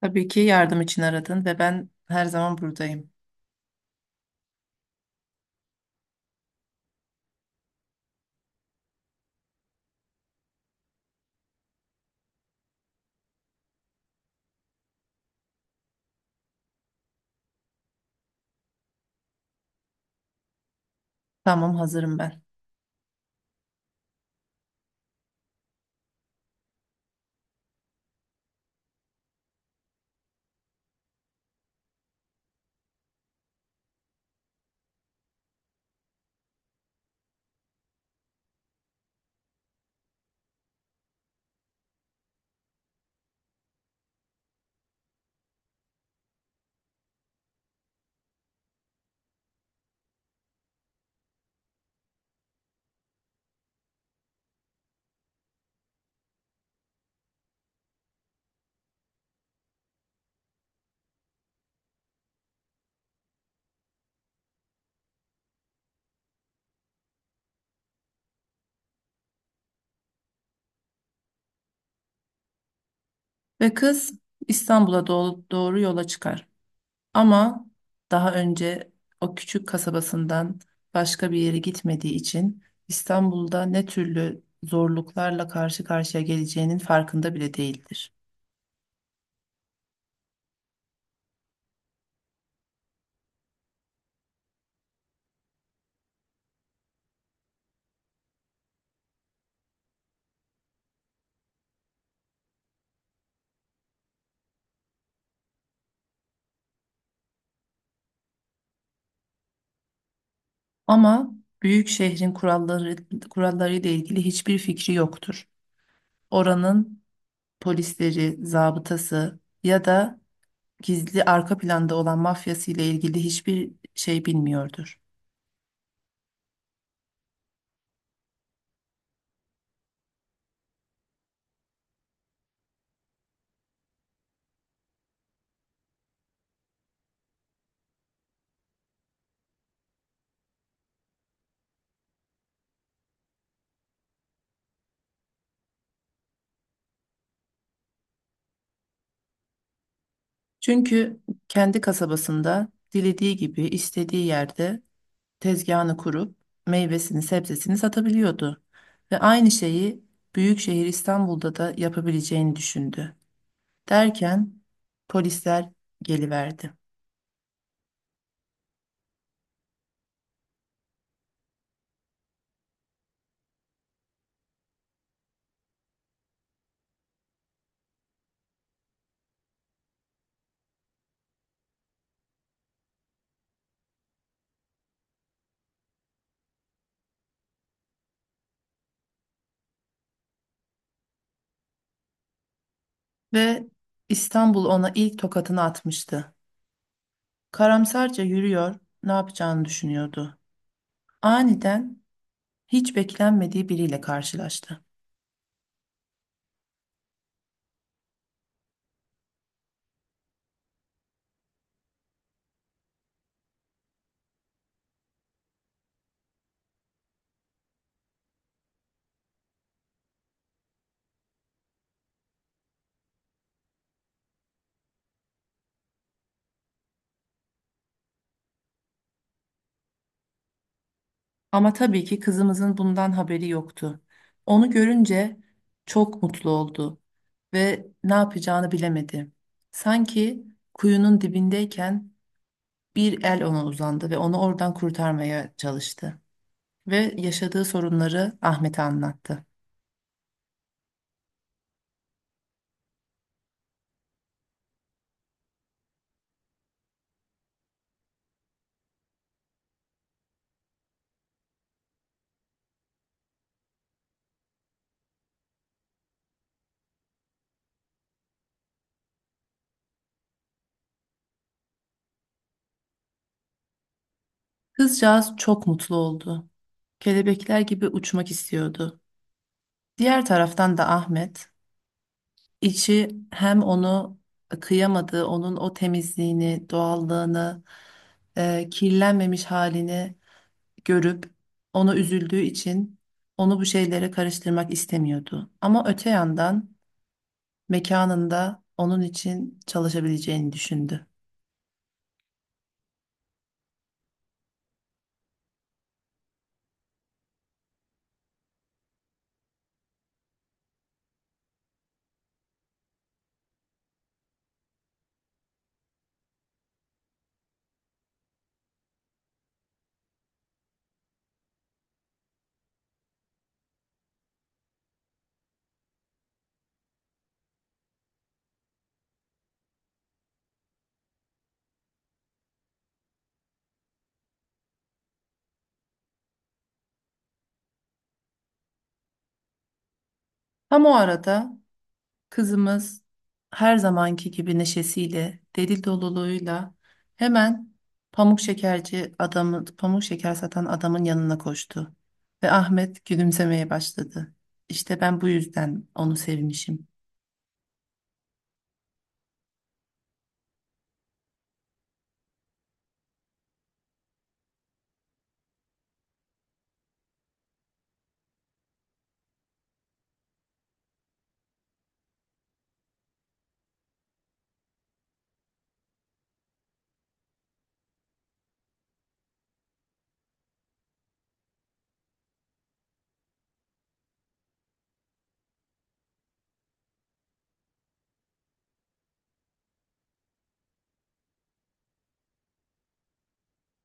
Tabii ki yardım için aradın ve ben her zaman buradayım. Tamam, hazırım ben. Ve kız İstanbul'a doğru yola çıkar. Ama daha önce o küçük kasabasından başka bir yere gitmediği için İstanbul'da ne türlü zorluklarla karşı karşıya geleceğinin farkında bile değildir. Ama büyük şehrin kurallarıyla ilgili hiçbir fikri yoktur. Oranın polisleri, zabıtası ya da gizli arka planda olan mafyası ile ilgili hiçbir şey bilmiyordur. Çünkü kendi kasabasında dilediği gibi istediği yerde tezgahını kurup meyvesini sebzesini satabiliyordu. Ve aynı şeyi büyük şehir İstanbul'da da yapabileceğini düşündü. Derken polisler geliverdi ve İstanbul ona ilk tokatını atmıştı. Karamsarca yürüyor, ne yapacağını düşünüyordu. Aniden hiç beklenmediği biriyle karşılaştı. Ama tabii ki kızımızın bundan haberi yoktu. Onu görünce çok mutlu oldu ve ne yapacağını bilemedi. Sanki kuyunun dibindeyken bir el ona uzandı ve onu oradan kurtarmaya çalıştı. Ve yaşadığı sorunları Ahmet'e anlattı. Kızcağız çok mutlu oldu. Kelebekler gibi uçmak istiyordu. Diğer taraftan da Ahmet İçi hem onu kıyamadığı, onun o temizliğini, doğallığını, kirlenmemiş halini görüp onu üzüldüğü için onu bu şeylere karıştırmak istemiyordu. Ama öte yandan mekanında onun için çalışabileceğini düşündü. Tam o arada kızımız her zamanki gibi neşesiyle, deli doluluğuyla hemen pamuk şekerci adamı, pamuk şeker satan adamın yanına koştu. Ve Ahmet gülümsemeye başladı. İşte ben bu yüzden onu sevmişim.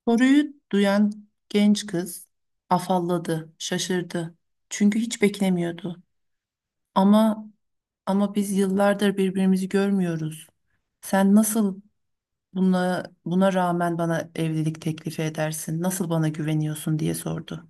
Soruyu duyan genç kız afalladı, şaşırdı. Çünkü hiç beklemiyordu. Ama ama biz yıllardır birbirimizi görmüyoruz. Sen nasıl buna, buna rağmen bana evlilik teklifi edersin, nasıl bana güveniyorsun diye sordu.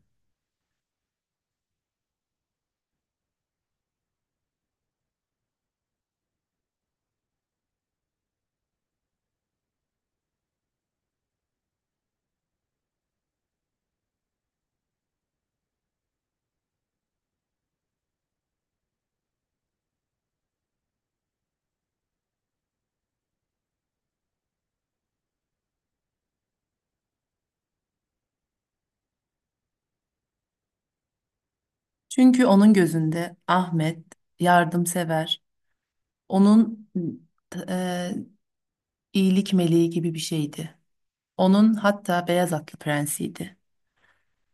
Çünkü onun gözünde Ahmet yardımsever, onun e, iyilik meleği gibi bir şeydi. Onun hatta beyaz atlı prensiydi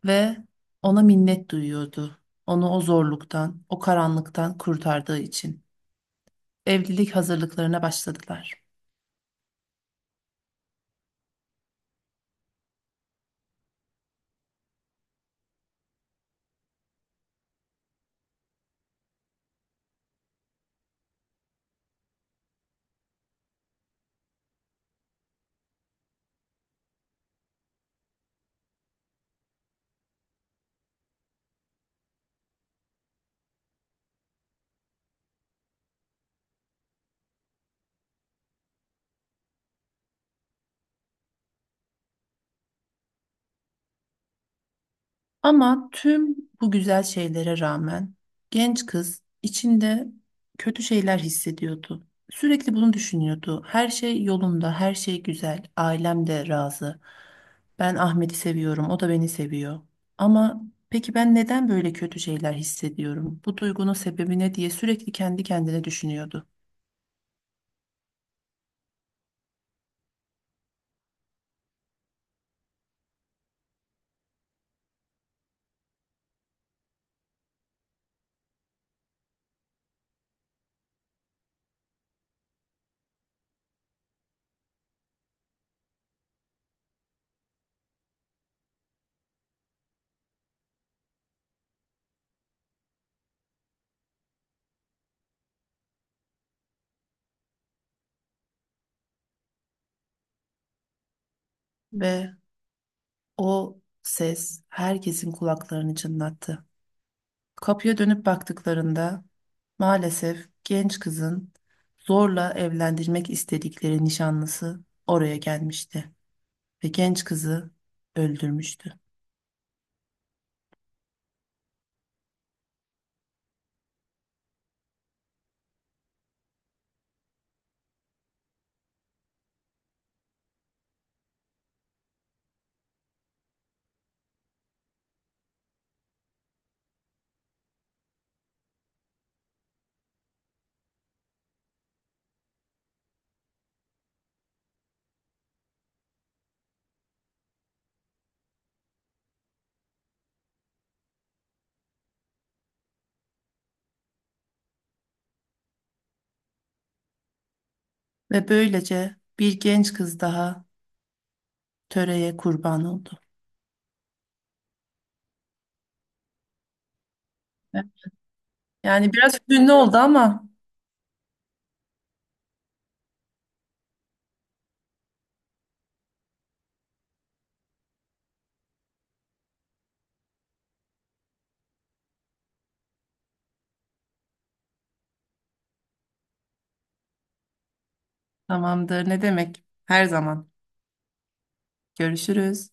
ve ona minnet duyuyordu. Onu o zorluktan, o karanlıktan kurtardığı için. Evlilik hazırlıklarına başladılar. Ama tüm bu güzel şeylere rağmen genç kız içinde kötü şeyler hissediyordu. Sürekli bunu düşünüyordu. Her şey yolunda, her şey güzel. Ailem de razı. Ben Ahmet'i seviyorum, o da beni seviyor. Ama peki ben neden böyle kötü şeyler hissediyorum? Bu duygunun sebebi ne diye sürekli kendi kendine düşünüyordu. Ve o ses herkesin kulaklarını çınlattı. Kapıya dönüp baktıklarında maalesef genç kızın zorla evlendirmek istedikleri nişanlısı oraya gelmişti ve genç kızı öldürmüştü. Ve böylece bir genç kız daha töreye kurban oldu. Yani biraz hüzünlü oldu ama tamamdır, ne demek, her zaman. Görüşürüz.